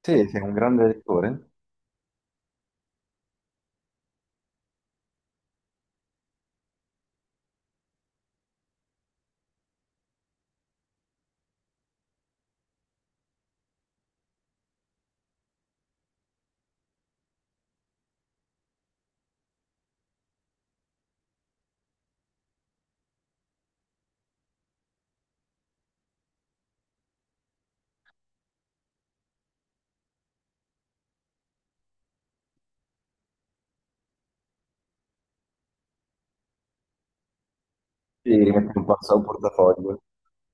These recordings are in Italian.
Sì, sei un grande lettore. Sì, metti un po' al suo portafoglio,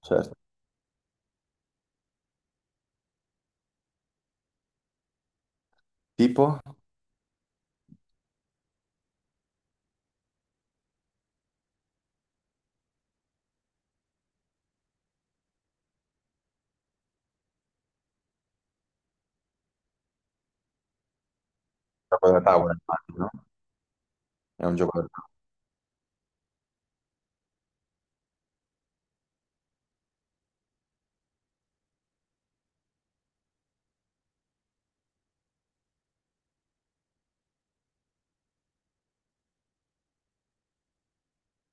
certo. Tipo, un gioco da tavola, immagino, no? È un gioco da tavola.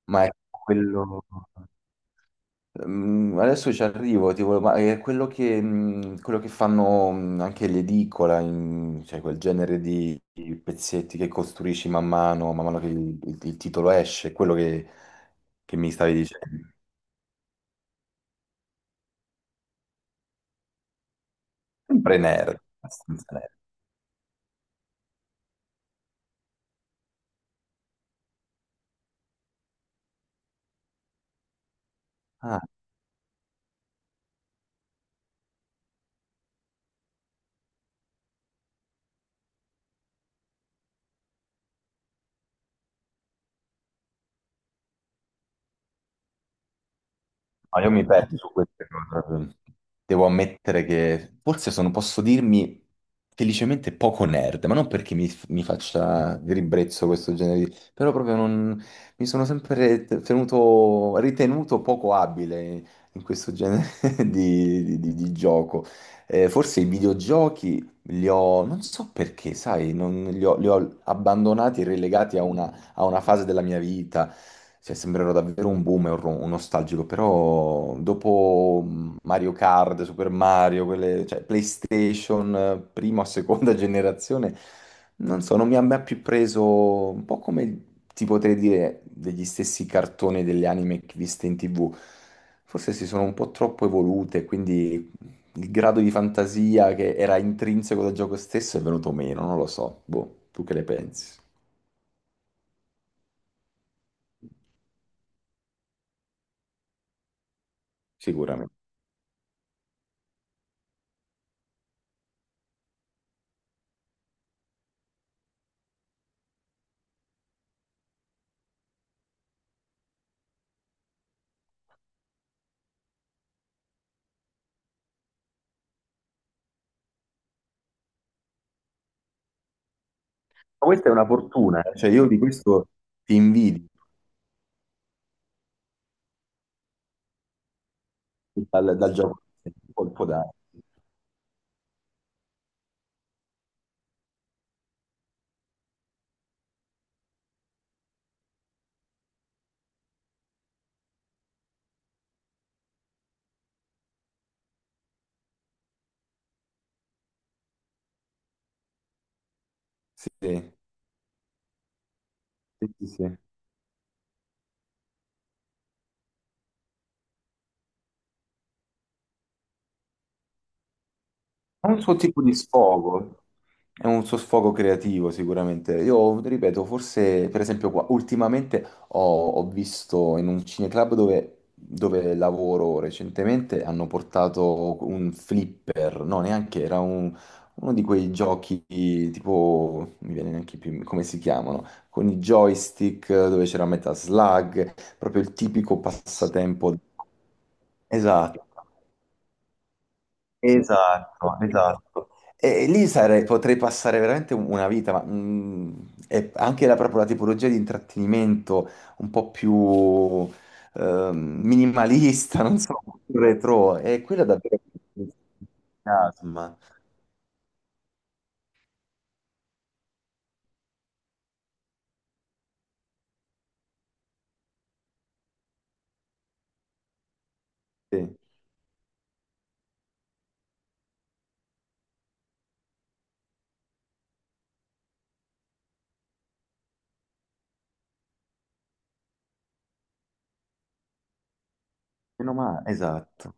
Ma è quello... adesso ci arrivo, tipo, ma è quello che, quello che fanno anche l'edicola, in- cioè quel genere di pezzetti che costruisci man mano che il, il titolo esce, quello che mi stavi dicendo. Sempre nerd, abbastanza nerd. Ah. Ma io mi perdo su queste cose, eh. Devo ammettere che forse sono, posso dirmi felicemente poco nerd, ma non perché mi faccia di ribrezzo questo genere di, però proprio non, mi sono sempre tenuto, ritenuto poco abile in questo genere di gioco. Forse i videogiochi li ho, non so perché, sai, li ho abbandonati e relegati a una fase della mia vita. Cioè, sembrerò davvero un boomer, un nostalgico, però dopo Mario Kart, Super Mario, quelle, cioè PlayStation, prima o seconda generazione, non so, non mi ha mai più preso, un po' come ti potrei dire degli stessi cartoni e delle anime che viste in TV. Forse si sono un po' troppo evolute, quindi il grado di fantasia che era intrinseco del gioco stesso è venuto meno, non lo so. Boh, tu che ne pensi? Sicuramente. Ma questa è una fortuna, eh. Cioè io di questo ti invidio dal Giappone, colpo dare. Sì, sì, sì. Sì. È un suo tipo di sfogo, è un suo sfogo creativo sicuramente. Io ripeto, forse per esempio qua, ultimamente ho, ho visto in un cineclub dove lavoro recentemente, hanno portato un flipper, no neanche, era uno di quei giochi tipo, mi viene neanche più come si chiamano, con i joystick dove c'era metà slug, proprio il tipico passatempo. Esatto. Esatto, esatto. E lì potrei passare veramente una vita, ma e anche la, proprio la tipologia di intrattenimento un po' più minimalista, non so, più retro, e quello davvero che mi entusiasma. Sì, meno male, esatto,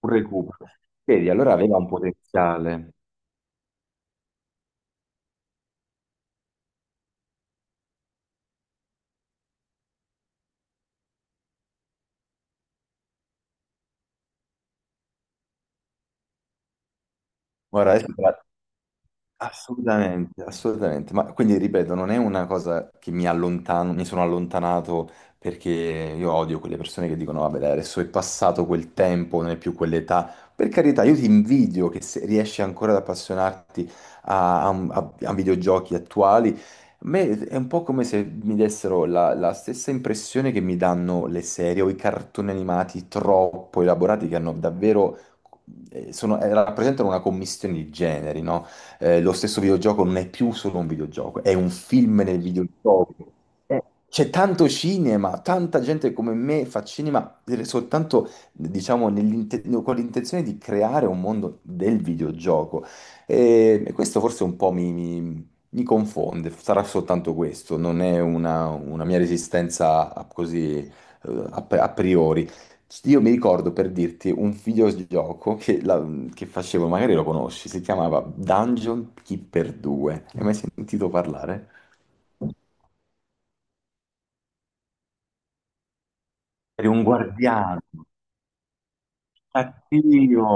un recupero. Vedi, allora aveva un potenziale. Guarda, adesso. Assolutamente, assolutamente. Ma quindi ripeto, non è una cosa che mi allontano, mi sono allontanato perché io odio quelle persone che dicono, vabbè, dai, adesso è passato quel tempo, non è più quell'età. Per carità, io ti invidio che se riesci ancora ad appassionarti a videogiochi attuali. A me è un po' come se mi dessero la stessa impressione che mi danno le serie o i cartoni animati troppo elaborati che hanno davvero, rappresentano una commistione di generi, no? Eh, lo stesso videogioco non è più solo un videogioco, è un film nel videogioco. Eh, C'è tanto cinema, tanta gente come me fa cinema soltanto, diciamo, no, con l'intenzione di creare un mondo del videogioco. E questo forse un po' mi confonde, sarà soltanto questo, non è una mia resistenza così a priori. Sì, io mi ricordo per dirti un videogioco che facevo, magari lo conosci, si chiamava Dungeon Keeper 2. Hai mai sentito parlare? Eri un guardiano, cattivo,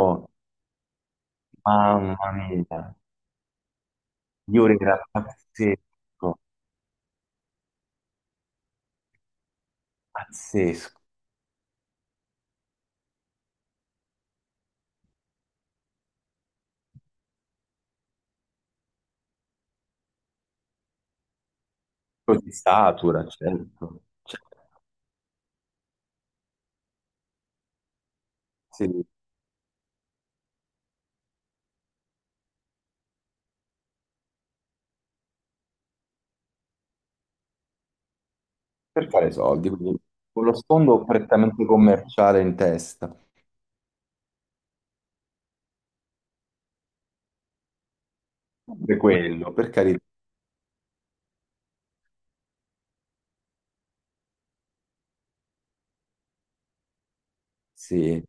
mamma mia, io era pazzesco, pazzesco. Poi ti satura, certo. Cioè, sì, per fare soldi, quindi con lo sfondo prettamente commerciale in testa, per quello, per carità, sì.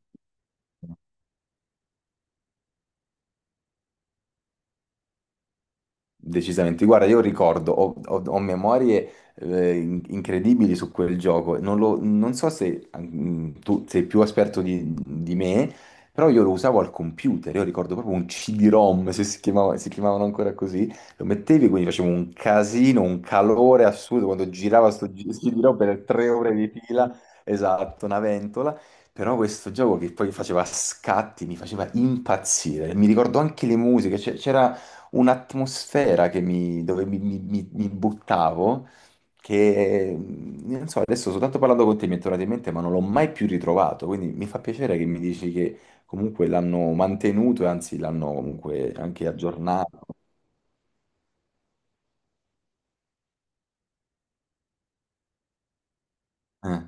Decisamente. Guarda, io ricordo, ho memorie incredibili su quel gioco. Non so se tu sei più esperto di me, però io lo usavo al computer. Io ricordo proprio un CD-ROM, se si chiamava- si chiamavano ancora così. Lo mettevi, quindi facevo un casino, un calore assurdo quando girava sto CD-ROM per 3 ore di fila. Esatto, una ventola. Però questo gioco che poi faceva scatti mi faceva impazzire. Mi ricordo anche le musiche. C'era un'atmosfera dove mi buttavo, che non so, adesso soltanto parlando con te mi è tornato in mente, ma non l'ho mai più ritrovato, quindi mi fa piacere che mi dici che comunque l'hanno mantenuto e anzi l'hanno comunque anche aggiornato. Eh,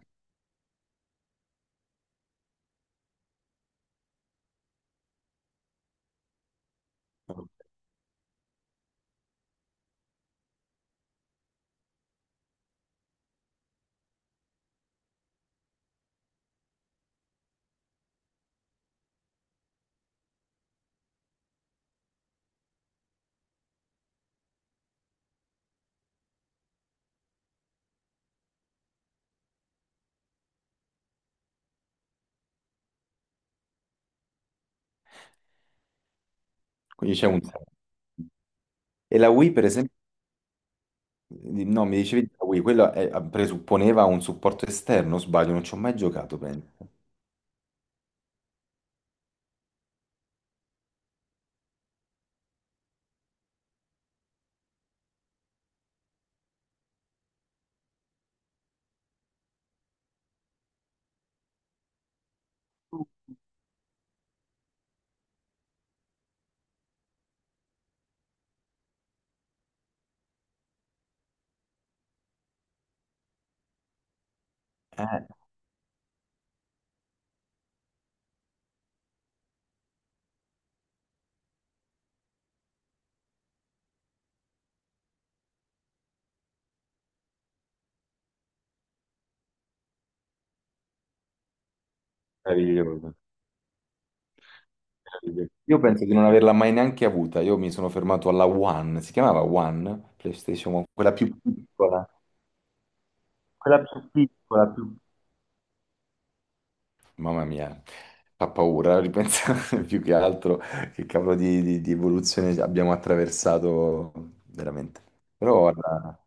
Quindi c'è un senso. E la Wii, per esempio, no, mi dicevi la Wii, ah, presupponeva un supporto esterno, o sbaglio, non ci ho mai giocato, penso. Eh, meraviglioso. Io penso di non averla mai neanche avuta. Io mi sono fermato alla One, si chiamava One, PlayStation One, quella più piccola, più. Mamma mia, fa paura ripensare più che altro che cavolo di evoluzione abbiamo attraversato veramente. Però guarda,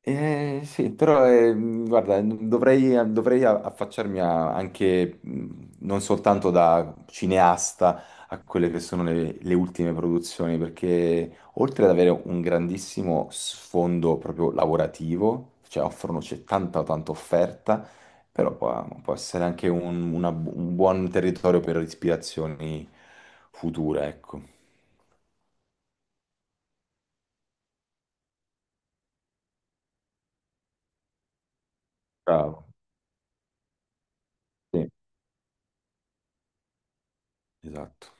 Sì, però guarda, dovrei affacciarmi anche non soltanto da cineasta a quelle che sono le ultime produzioni, perché oltre ad avere un grandissimo sfondo proprio lavorativo, cioè offrono, c'è tanta tanta offerta, però può essere anche un buon territorio per ispirazioni future, ecco. Bravo. Sì, esatto.